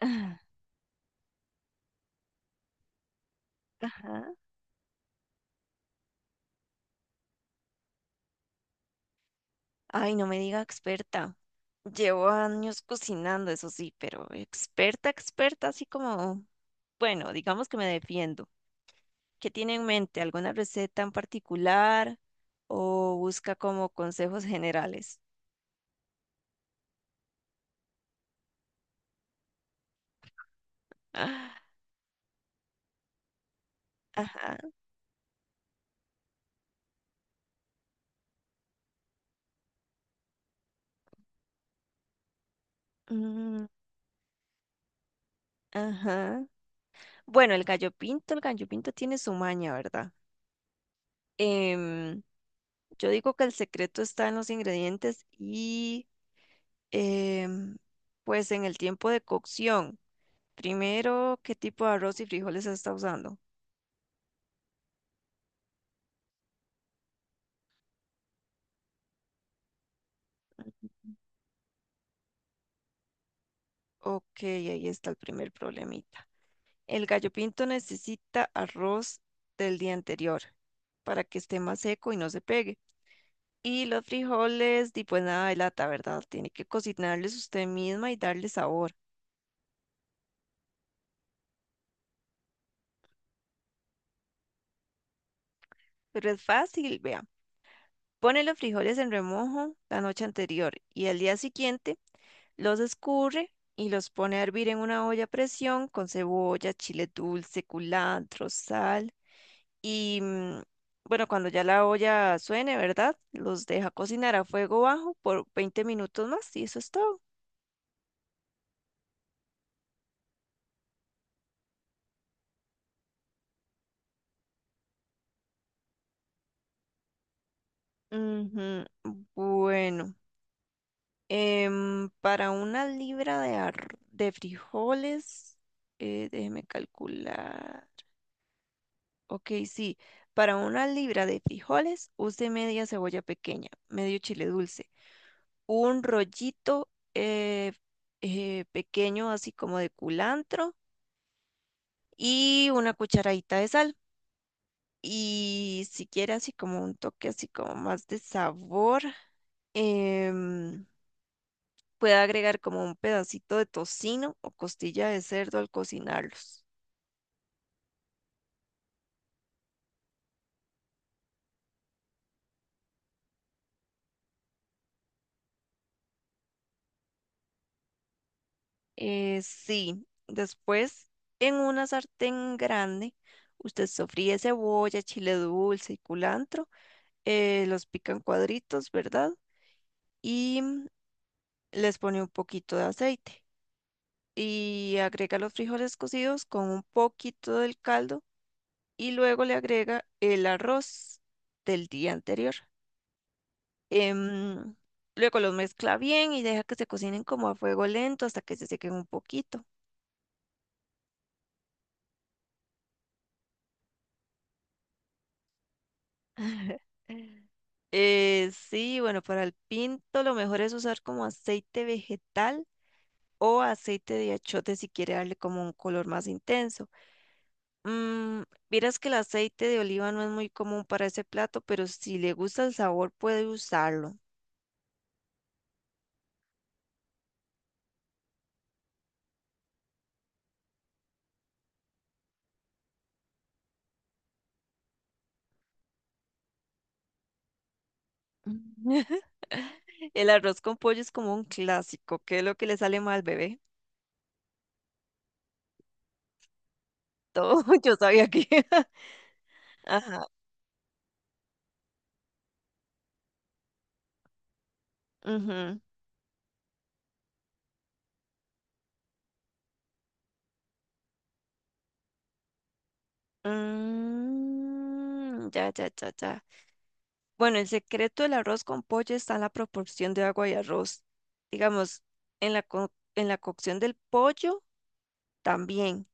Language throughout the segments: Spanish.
Ah, ajá. Ay, no me diga experta. Llevo años cocinando, eso sí, pero experta, experta, así como, bueno, digamos que me defiendo. ¿Qué tiene en mente? ¿Alguna receta en particular o busca como consejos generales? Ah, ajá. Mm, ajá. Bueno, el gallo pinto tiene su maña, ¿verdad? Em, yo digo que el secreto está en los ingredientes y em, pues en el tiempo de cocción. Primero, ¿qué tipo de arroz y frijoles está usando? Ok, ahí está el primer problemita. El gallo pinto necesita arroz del día anterior para que esté más seco y no se pegue. Y los frijoles, di, pues nada de lata, ¿verdad? Tiene que cocinarles usted misma y darle sabor. Pero es fácil, vea. Pone los frijoles en remojo la noche anterior y al día siguiente los escurre y los pone a hervir en una olla a presión con cebolla, chile dulce, culantro, sal. Y bueno, cuando ya la olla suene, ¿verdad? Los deja cocinar a fuego bajo por 20 minutos más y eso es todo. Ujú. Bueno, para una libra de, ar- de frijoles, déjeme calcular. Ok, sí, para una libra de frijoles use media cebolla pequeña, medio chile dulce. Un rollito eh, pequeño, así como de culantro, y una cucharadita de sal. Y si quiere así como un toque así como más de sabor, em, puede agregar como un pedacito de tocino o costilla de cerdo al cocinarlos. Sí, después en una sartén grande, usted sofríe cebolla, chile dulce y culantro, los pican cuadritos, ¿verdad? Y les pone un poquito de aceite y agrega los frijoles cocidos con un poquito del caldo y luego le agrega el arroz del día anterior. Em, Luego los mezcla bien y deja que se cocinen como a fuego lento hasta que se sequen un poquito. Sí, bueno, para el pinto lo mejor es usar como aceite vegetal o aceite de achiote si quiere darle como un color más intenso. Mm, vieras que el aceite de oliva no es muy común para ese plato, pero si le gusta el sabor puede usarlo. El arroz con pollo es como un clásico. ¿Qué es lo que le sale mal, bebé? Todo. Yo sabía que. Ajá. Ujú. Mm, ya, ya, ya, ya. Bueno, el secreto del arroz con pollo está en la proporción de agua y arroz. Digamos, en la, co- en la cocción del pollo también.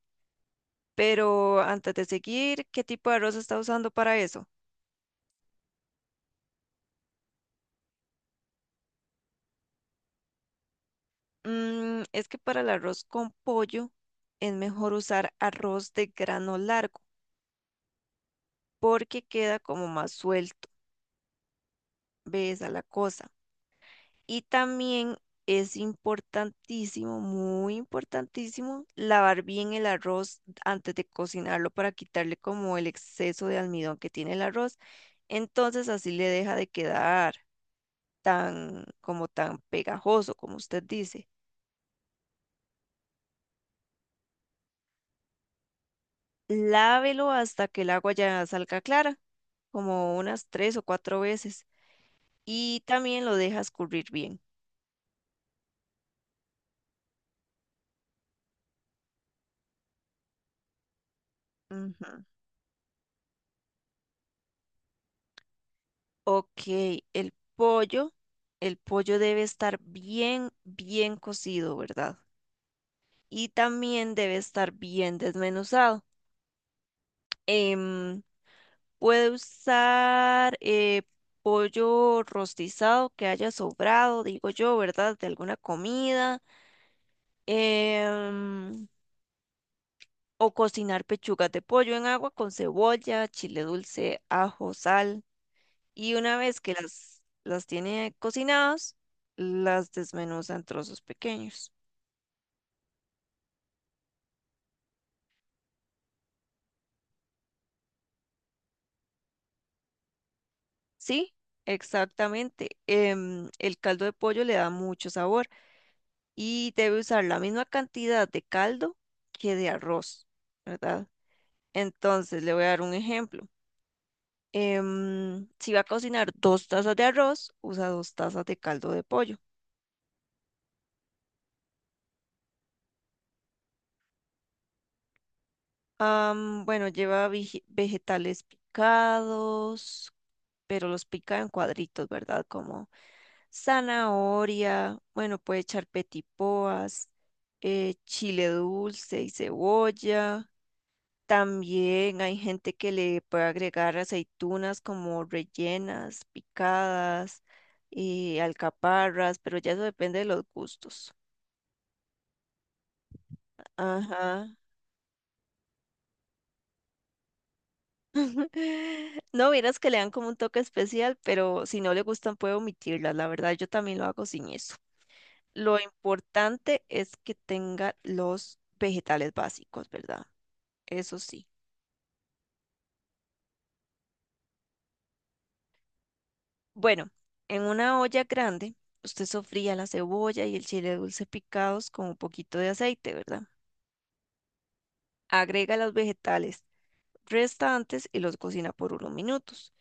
Pero antes de seguir, ¿qué tipo de arroz está usando para eso? Mm, es que para el arroz con pollo es mejor usar arroz de grano largo porque queda como más suelto, ves a la cosa. Y también es importantísimo, muy importantísimo, lavar bien el arroz antes de cocinarlo para quitarle como el exceso de almidón que tiene el arroz. Entonces así le deja de quedar tan como tan pegajoso como usted dice. Lávelo hasta que el agua ya salga clara, como unas tres o cuatro veces, y también lo dejas currir bien. Ujú. Ok, el pollo, el pollo debe estar bien, bien cocido, ¿verdad? Y también debe estar bien desmenuzado. Em, Puede usar pollo rostizado que haya sobrado, digo yo, ¿verdad? De alguna comida. em, o cocinar pechugas de pollo en agua con cebolla, chile dulce, ajo, sal. Y una vez que las tiene cocinadas, las desmenuza en trozos pequeños. Sí, exactamente. El caldo de pollo le da mucho sabor y debe usar la misma cantidad de caldo que de arroz, ¿verdad? Entonces, le voy a dar un ejemplo. Si va a cocinar dos tazas de arroz, usa dos tazas de caldo de pollo. Am, bueno, lleva vegetales picados, pero los pica en cuadritos, ¿verdad? Como zanahoria, bueno, puede echar petipoas, chile dulce y cebolla. También hay gente que le puede agregar aceitunas como rellenas, picadas y alcaparras, pero ya eso depende de los gustos. Ajá. No, vieras que le dan como un toque especial, pero si no le gustan puede omitirlas. La verdad, yo también lo hago sin eso. Lo importante es que tenga los vegetales básicos, ¿verdad? Eso sí. Bueno, en una olla grande, usted sofría la cebolla y el chile dulce picados con un poquito de aceite, ¿verdad? Agrega los vegetales restantes y los cocina por unos minutos.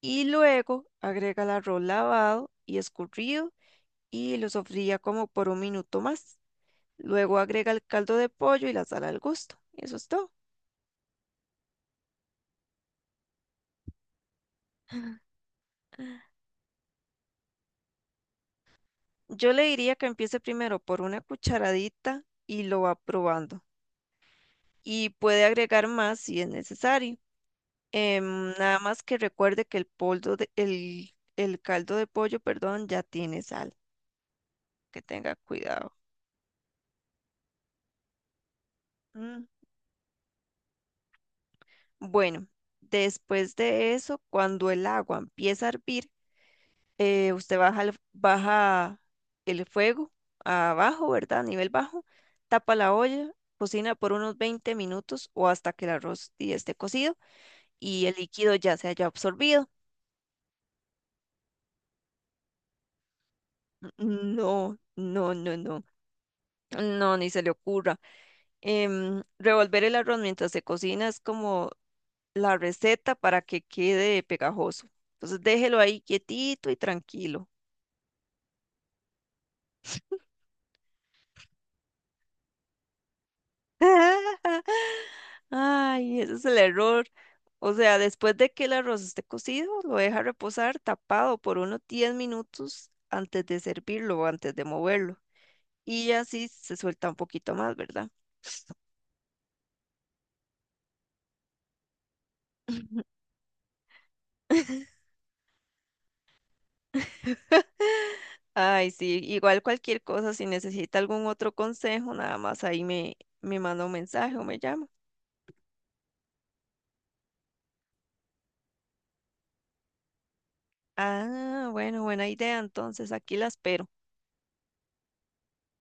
Y luego agrega el arroz lavado y escurrido y lo sofría como por un minuto más. Luego agrega el caldo de pollo y la sal al gusto. Eso es todo. Yo le diría que empiece primero por una cucharadita y lo va probando. Y puede agregar más si es necesario. Nada más que recuerde que el caldo de pollo, perdón, ya tiene sal. Que tenga cuidado. Mm. Bueno, después de eso, cuando el agua empieza a hervir, usted baja el fuego abajo, ¿verdad? A nivel bajo, tapa la olla, cocina por unos 20 minutos o hasta que el arroz y esté cocido y el líquido ya se haya absorbido. No, no, no, no. No, ni se le ocurra. Revolver el arroz mientras se cocina es como la receta para que quede pegajoso. Entonces déjelo ahí quietito y tranquilo. Ay, ese es el error. O sea, después de que el arroz esté cocido, lo deja reposar tapado por unos 10 minutos antes de servirlo o antes de moverlo. Y así se suelta un poquito más, ¿verdad? Ay, sí, igual cualquier cosa, si necesita algún otro consejo, nada más ahí me manda un mensaje o me llama. Ah, bueno, buena idea, entonces aquí la espero.